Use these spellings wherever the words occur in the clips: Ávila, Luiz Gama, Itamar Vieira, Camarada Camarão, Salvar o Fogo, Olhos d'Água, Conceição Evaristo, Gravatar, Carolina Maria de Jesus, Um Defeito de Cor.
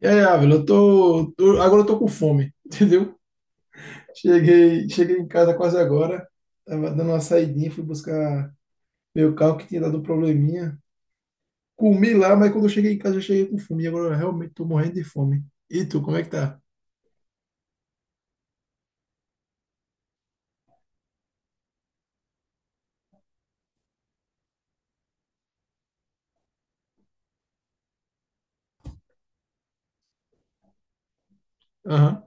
E aí, Ávila, agora eu tô com fome, entendeu? Cheguei em casa quase agora, tava dando uma saidinha, fui buscar meu carro que tinha dado um probleminha. Comi lá, mas quando eu cheguei em casa eu cheguei com fome, e agora eu realmente tô morrendo de fome. E tu, como é que tá? Aham.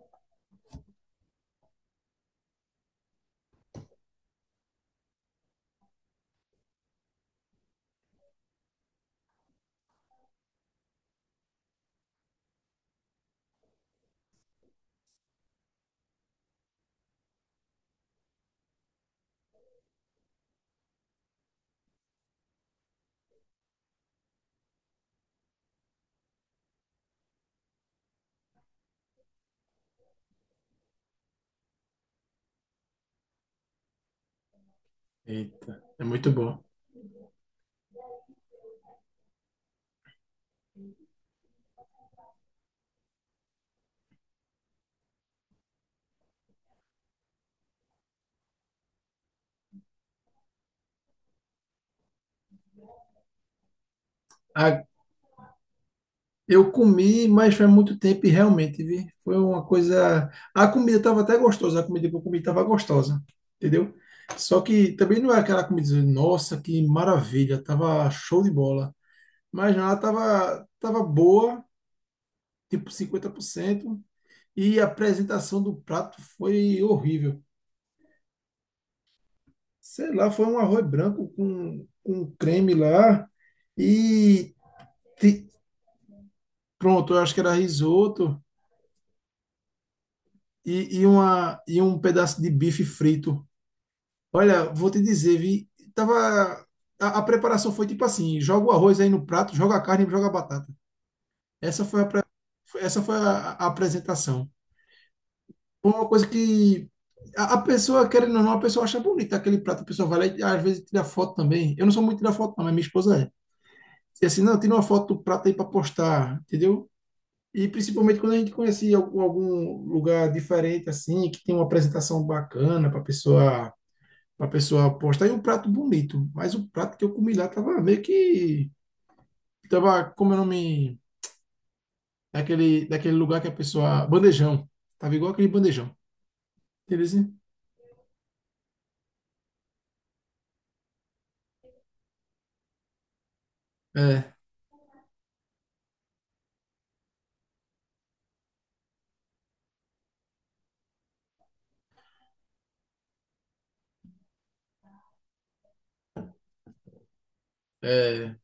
Eita, é muito bom. Eu comi, mas faz muito tempo e realmente, vi. Foi uma coisa. A comida estava até gostosa, a comida que eu comi estava gostosa, entendeu? Só que também não é aquela comida, dizer, nossa, que maravilha, tava show de bola. Mas ela tava boa, tipo 50% e a apresentação do prato foi horrível. Sei lá, foi um arroz branco com creme lá, e ti- pronto, eu acho que era risoto, e um pedaço de bife frito. Olha, vou te dizer, vi, tava, a preparação foi tipo assim, joga o arroz aí no prato, joga a carne e joga a batata. Essa foi a, pre- essa foi a apresentação. Foi uma coisa que a pessoa, querendo ou não, a pessoa acha bonita aquele prato, a pessoa vai lá e às vezes tira foto também. Eu não sou muito de tirar foto não, mas minha esposa é. E assim, não, tira uma foto do prato aí para postar, entendeu? E principalmente quando a gente conhecia algum lugar diferente, assim, que tem uma apresentação bacana para pessoa postar. E um prato bonito, mas o prato que eu comi lá tava meio que. Tava, como é o nome? Daquele lugar que a pessoa. Bandejão. Tava igual aquele bandejão. Beleza? É, é.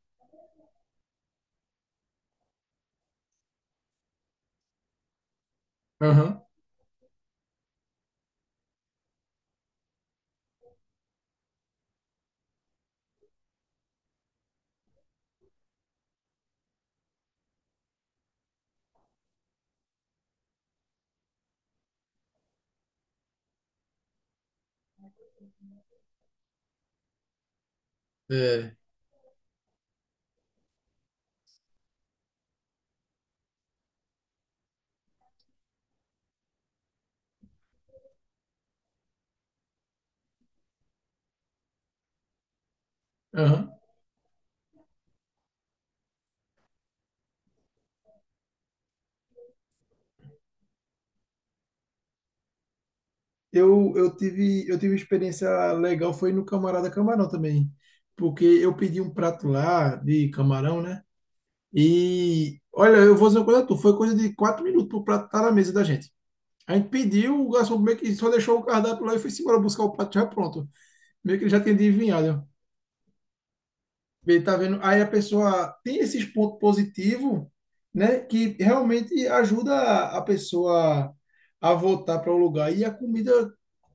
Aham, é. Aham. Eu tive experiência legal, foi no Camarada Camarão também. Porque eu pedi um prato lá de camarão, né? E olha, eu vou dizer uma coisa, a tu, foi coisa de 4 minutos pro prato estar na mesa da gente. A gente pediu, o garçom meio que só deixou o cardápio lá e foi embora buscar o prato já pronto. Meio que ele já tinha adivinhado. Ele tá vendo? Aí a pessoa tem esses pontos positivos, né? Que realmente ajuda a pessoa a voltar para o lugar. E a comida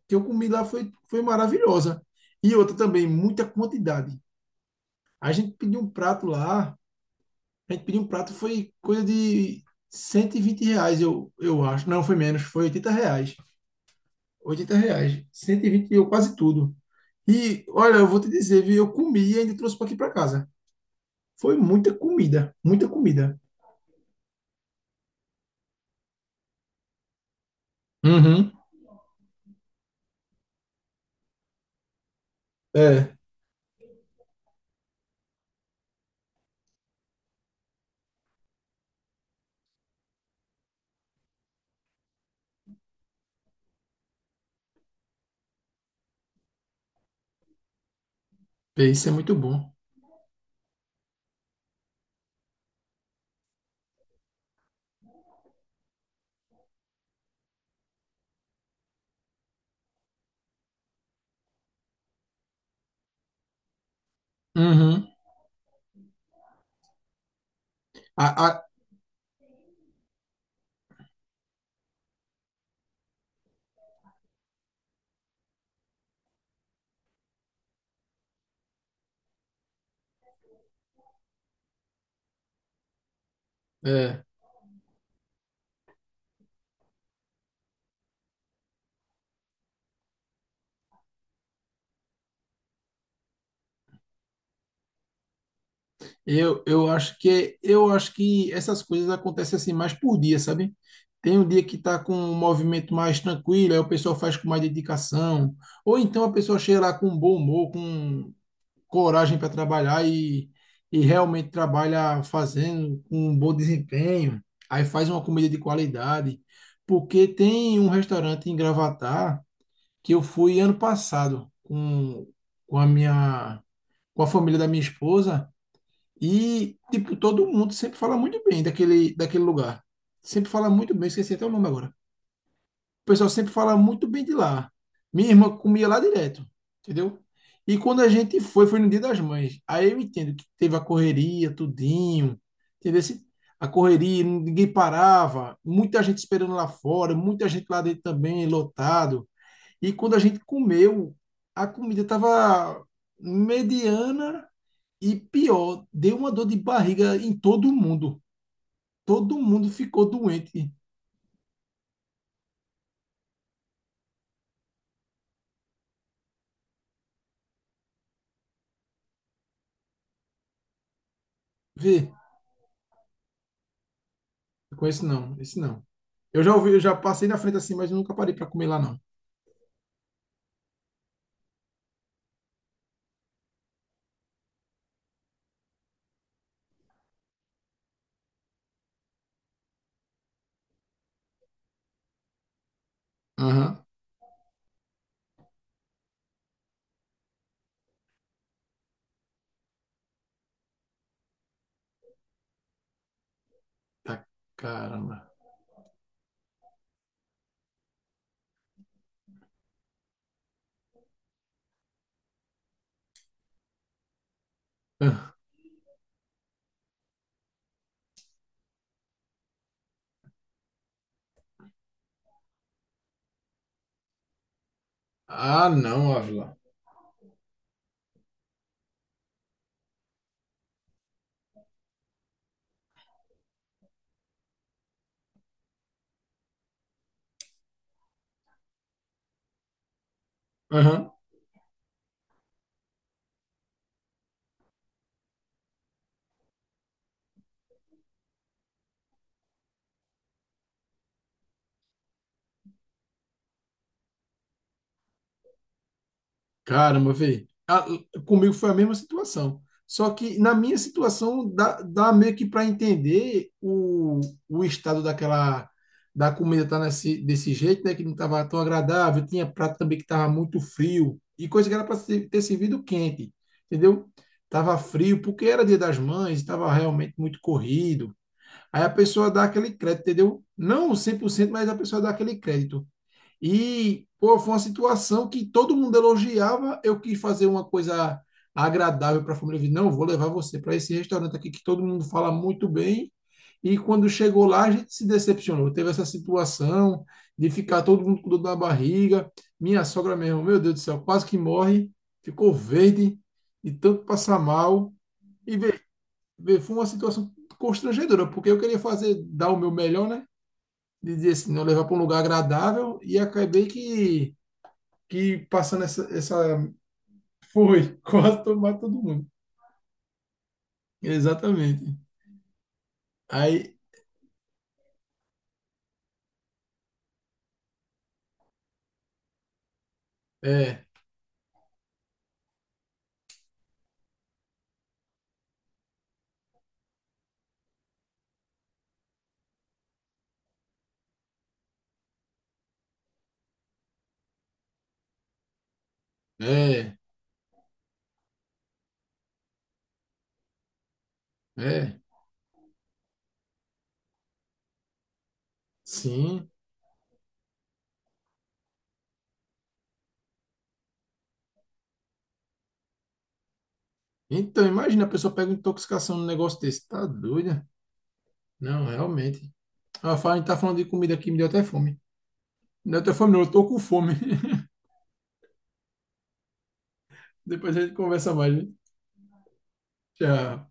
que eu comi lá foi maravilhosa. E outra também, muita quantidade. A gente pediu um prato lá, a gente pediu um prato, foi coisa de 120 reais, eu acho. Não, foi menos, foi 80 reais. 80 reais. 120 eu quase tudo. E olha, eu vou te dizer, viu? Eu comi e ainda trouxe para aqui para casa. Foi muita comida, muita comida. Uhum. É, é, isso é muito bom. Uhum. A, a- é, eu acho que essas coisas acontecem assim mais por dia, sabe? Tem um dia que tá com um movimento mais tranquilo, aí o pessoal faz com mais dedicação, ou então a pessoa chega lá com um bom humor, com um coragem para trabalhar e realmente trabalha fazendo com um bom desempenho, aí faz uma comida de qualidade. Porque tem um restaurante em Gravatar que eu fui ano passado com a minha, com a família da minha esposa e, tipo, todo mundo sempre fala muito bem daquele lugar. Sempre fala muito bem, esqueci até o nome agora. O pessoal sempre fala muito bem de lá. Minha irmã comia lá direto, entendeu? E quando a gente foi, foi no Dia das Mães. Aí eu entendo que teve a correria, tudinho, entendeu? A correria, ninguém parava, muita gente esperando lá fora, muita gente lá dentro também, lotado. E quando a gente comeu, a comida estava mediana e pior, deu uma dor de barriga em todo mundo. Todo mundo ficou doente. Vê, eu conheço não, esse não. Eu já ouvi, eu já passei na frente assim, mas eu nunca parei para comer lá, não. Aham. Tá, caramba. Ah, ah, não, Ávila. Aham. Caramba, véi. Ah, comigo foi a mesma situação. Só que na minha situação dá meio que para entender o estado daquela da comida tá desse jeito, né? Que não tava tão agradável. Tinha prato também que tava muito frio. E coisa que era para ter servido quente, entendeu? Tava frio porque era Dia das Mães, estava realmente muito corrido. Aí a pessoa dá aquele crédito, entendeu? Não 100%, mas a pessoa dá aquele crédito. E, pô, foi uma situação que todo mundo elogiava, eu quis fazer uma coisa agradável para a família. Eu disse, não, vou levar você para esse restaurante aqui que todo mundo fala muito bem. E quando chegou lá, a gente se decepcionou. Teve essa situação de ficar todo mundo com dor na barriga. Minha sogra mesmo, meu Deus do céu, quase que morre. Ficou verde de tanto passar mal. E vê, foi uma situação constrangedora, porque eu queria fazer, dar o meu melhor, né? De dizer assim, não levar para um lugar agradável e acabei que, passando essa. Foi, quase tomar todo mundo. Exatamente. Aí, é, é, é, sim. Então, imagina, a pessoa pega uma intoxicação num negócio desse. Tá doida? Não, realmente. Ah, a gente tá falando de comida aqui, me deu até fome. Não deu até fome, não, eu tô com fome. Depois a gente conversa mais, né? Tchau.